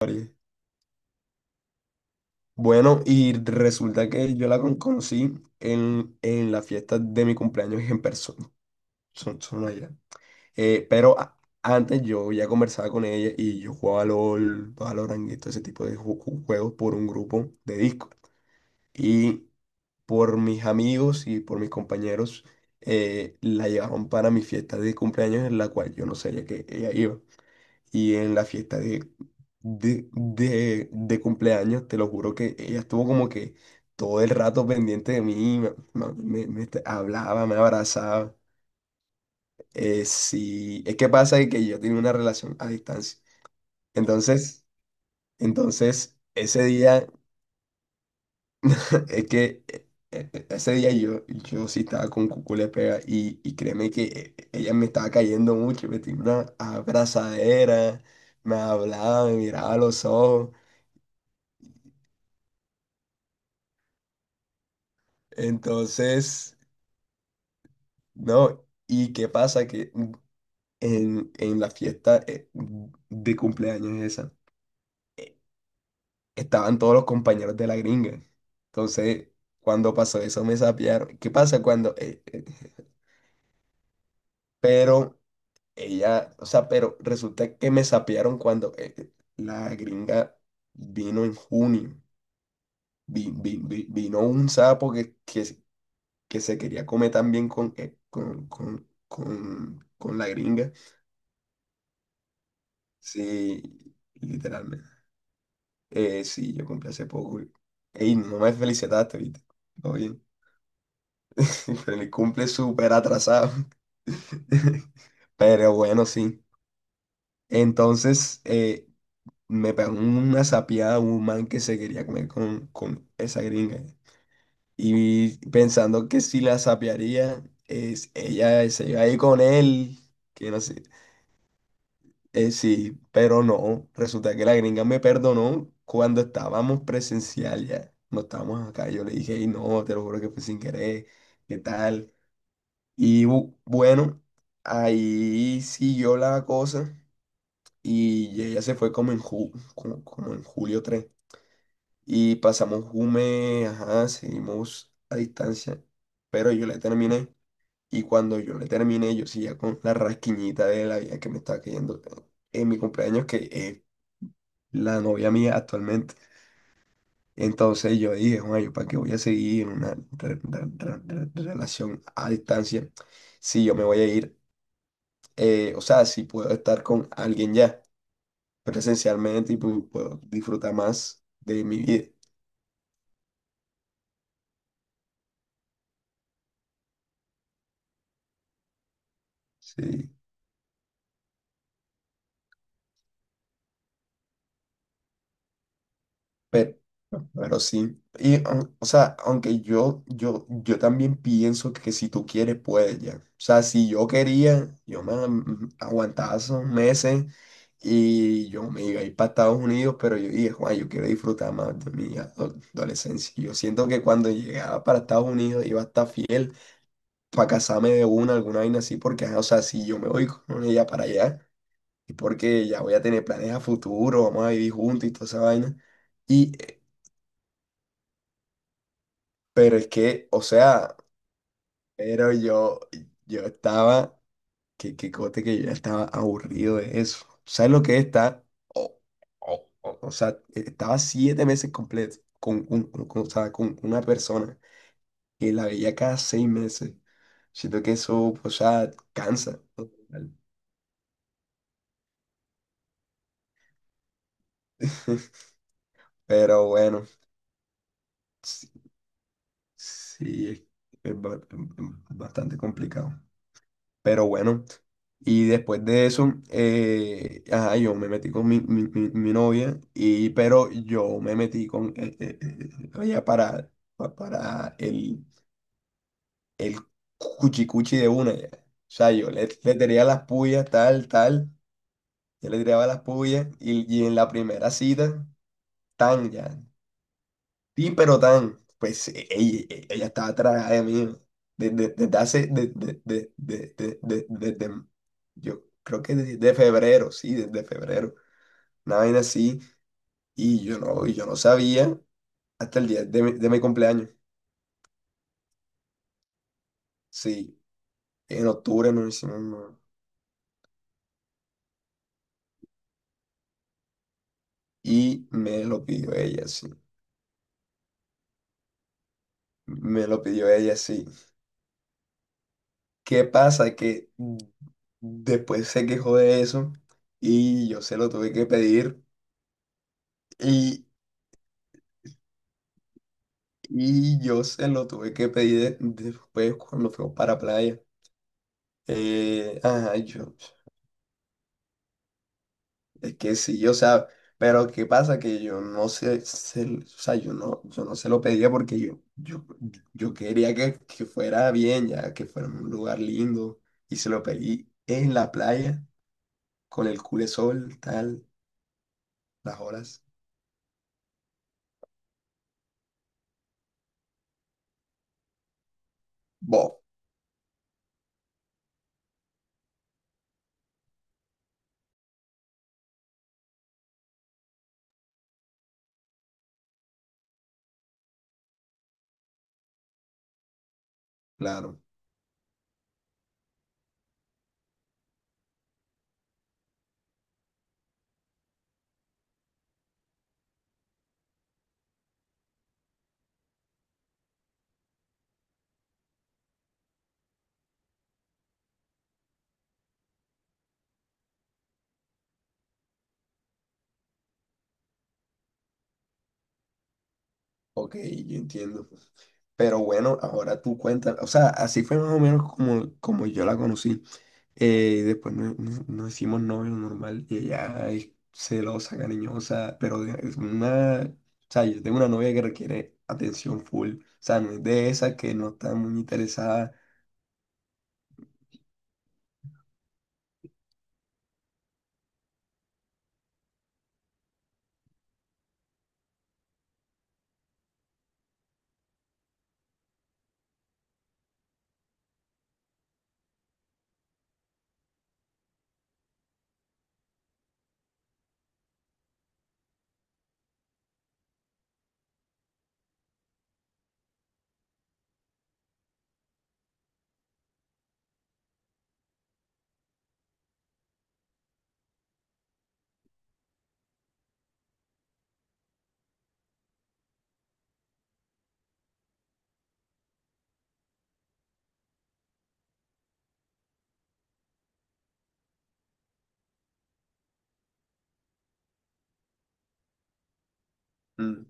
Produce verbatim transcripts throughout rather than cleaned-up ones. Ari. Bueno, y resulta que yo la con- conocí en, en la fiesta de mi cumpleaños en persona, son, son allá. Eh, pero a- antes yo ya conversaba con ella y yo jugaba LOL, Valorant y todo ese tipo de ju- ju- juegos por un grupo de disco. Y por mis amigos y por mis compañeros eh, la llevaron para mi fiesta de cumpleaños en la cual yo no sabía que ella iba. Y en la fiesta de, de, de, de cumpleaños, te lo juro que ella estuvo como que todo el rato pendiente de mí, me, me- me- me te- hablaba, me abrazaba. Eh, sí, es que pasa que yo tenía una relación a distancia. Entonces, entonces ese día, es que eh, eh, eh, ese día yo, yo sí estaba con cucú pega y, y créeme que eh, ella me estaba cayendo mucho, me tenía una abrazadera, me hablaba, me miraba a los ojos. Entonces, no, ¿y qué pasa? Que en, en la fiesta eh, de cumpleaños esa, estaban todos los compañeros de la gringa. Entonces, cuando pasó eso, me sapearon. ¿Qué pasa cuando… eh, eh, pero ella, o sea, pero resulta que me sapearon cuando eh, eh, la gringa vino en junio. Vi- vi- vi- vino un sapo que, que, se que se quería comer también con, eh, con, con, con, con la gringa. Sí, literalmente. Eh, sí, yo cumplí hace poco. Y… Ey, no me felicitaste, ¿viste? Todo bien. Pero el cumple súper atrasado. Pero bueno, sí. Entonces, eh, me pegó una sapiada un man que se quería comer con, con esa gringa. Y pensando que si la sapearía, es, ella se iba a ir con él, que no sé. Eh, sí, pero no, resulta que la gringa me perdonó cuando estábamos presencial ya, no estábamos acá, yo le dije, y no, te lo juro que fue sin querer, ¿qué tal? Y bu- bueno, ahí siguió la cosa y ella se fue como en, ju- como, como en julio tres y pasamos Jume, ajá, seguimos a distancia, pero yo le terminé. Y cuando yo le terminé yo seguía con la rasquiñita de la vida que me estaba cayendo en mi cumpleaños que… es la novia mía actualmente. Entonces yo dije, bueno, ¿yo para qué voy a seguir en una re- re- re- re- relación a distancia si yo me voy a ir? Eh, o sea, si puedo estar con alguien ya presencialmente y pu- puedo disfrutar más de mi vida. Sí. Pero, pero sí. Y, o o sea, aunque yo, yo, yo también pienso que si tú quieres, puedes ya. O sea, si yo quería, yo me am- aguantaba esos meses y yo me iba a ir para Estados Unidos, pero yo dije, Juan, yo quiero disfrutar más de mi ado- adolescencia. Y yo siento que cuando llegaba para Estados Unidos iba a estar fiel para casarme de una, alguna vaina así, porque, ajá, o sea, si yo me voy con ella para allá, es porque ya voy a tener planes a futuro, vamos a vivir juntos y toda esa vaina. Y pero es que, o sea, pero yo, yo estaba, que, que cote que yo ya estaba aburrido de eso. ¿Sabes lo que es estar? O, o- o- o sea, estaba siete meses completos con, un, con- o sea, con una persona que la veía cada seis meses. Siento que eso, o sea, cansa. Pero bueno, sí, sí, es ba- es bastante complicado. Pero bueno, y después de eso, eh, ajá, yo me metí con mi, mi- mi- mi novia, y, pero yo me metí con eh, eh, eh, ella para, pa- para el, el cuchicuchi de una. Ya. O sea, yo le, le tiraba las puyas, tal, tal, yo le tiraba las puyas, y, y en la primera cita, tan ya. Sí, pero tan, pues e- ella, e- ella estaba atrás de mí desde, desde hace, de- de- de- de- de- de- desde, yo creo que desde febrero, sí, desde febrero, una vaina así, y yo no, y yo no sabía hasta el día de mi, de mi cumpleaños, sí, en octubre no hicimos nada, y me lo pidió ella, sí, me lo pidió ella, sí. ¿Qué pasa? Que después se quejó de eso, y yo se lo tuve que pedir. Y yo se lo tuve que pedir de- después cuando fuimos para playa. Eh, ajá, yo, es que sí, o sea, pero ¿qué pasa? Que yo no sé, se, o sea, yo no, yo no se lo pedía porque yo, yo, yo quería que, que fuera bien, ya que fuera un lugar lindo. Y se lo pedí en la playa, con el cule sol tal, las olas. Bo, claro, ok, yo entiendo. Pero bueno, ahora tú cuentas, o sea, así fue más o menos como, como yo la conocí. Eh, y después no- no- nos hicimos novios normal y ella es celosa, cariñosa, pero de- es una… O sea, yo tengo una novia que requiere atención full. O sea, no es de esa que no está muy interesada. Mm,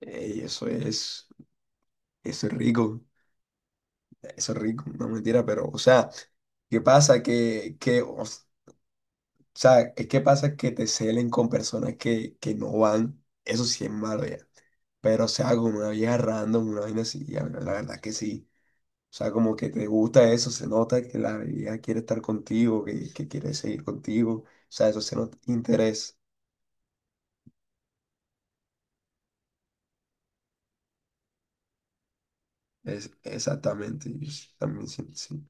eh, y eso es, eso es rico, eso es rico, no mentira, pero, o sea, ¿qué pasa? Que, que, o s- o sea, es que pasa que te celen con personas que, que no van, eso sí es malo ya. Pero, o sea, con una vieja random, una vaina así, ya, la verdad que sí. O sea, como que te gusta eso, se nota que la ella quiere estar contigo, que, que quiere seguir contigo. O sea, eso se nota interés. Es exactamente, yo sí también siento sí.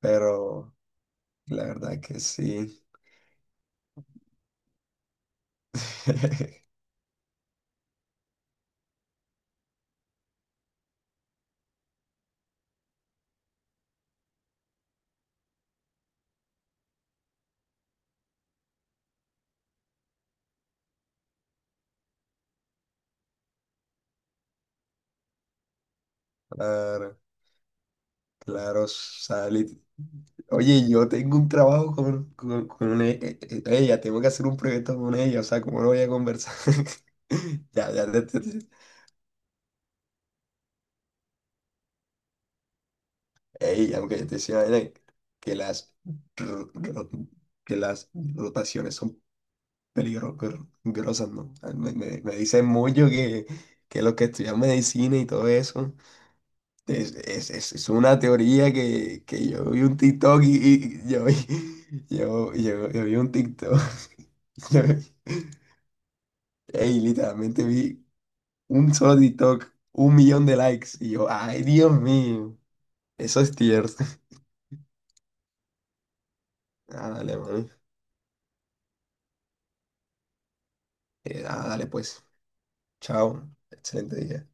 Pero la verdad que sí. Claro, claro, Sally. Oye, yo tengo un trabajo con, con, con e- e- e, ella, tengo que hacer un proyecto con ella, o sea, ¿cómo no voy a conversar? Ya, ya, te… Ey, aunque yo te decía vaina, que las, ro- ro- que las rotaciones son peligrosas, ¿no? Ah, Me, me, me dicen mucho que, que los que estudian medicina y todo eso, es, es, es- es una teoría que, que yo vi un TikTok y, y yo, vi, yo, yo, yo vi un TikTok. yo vi- Ey, literalmente vi un solo TikTok, un millón de likes. Y yo, ay, Dios mío, eso es tierno. Ah, dale, mami. Eh, ah, dale, pues. Chao. Excelente día.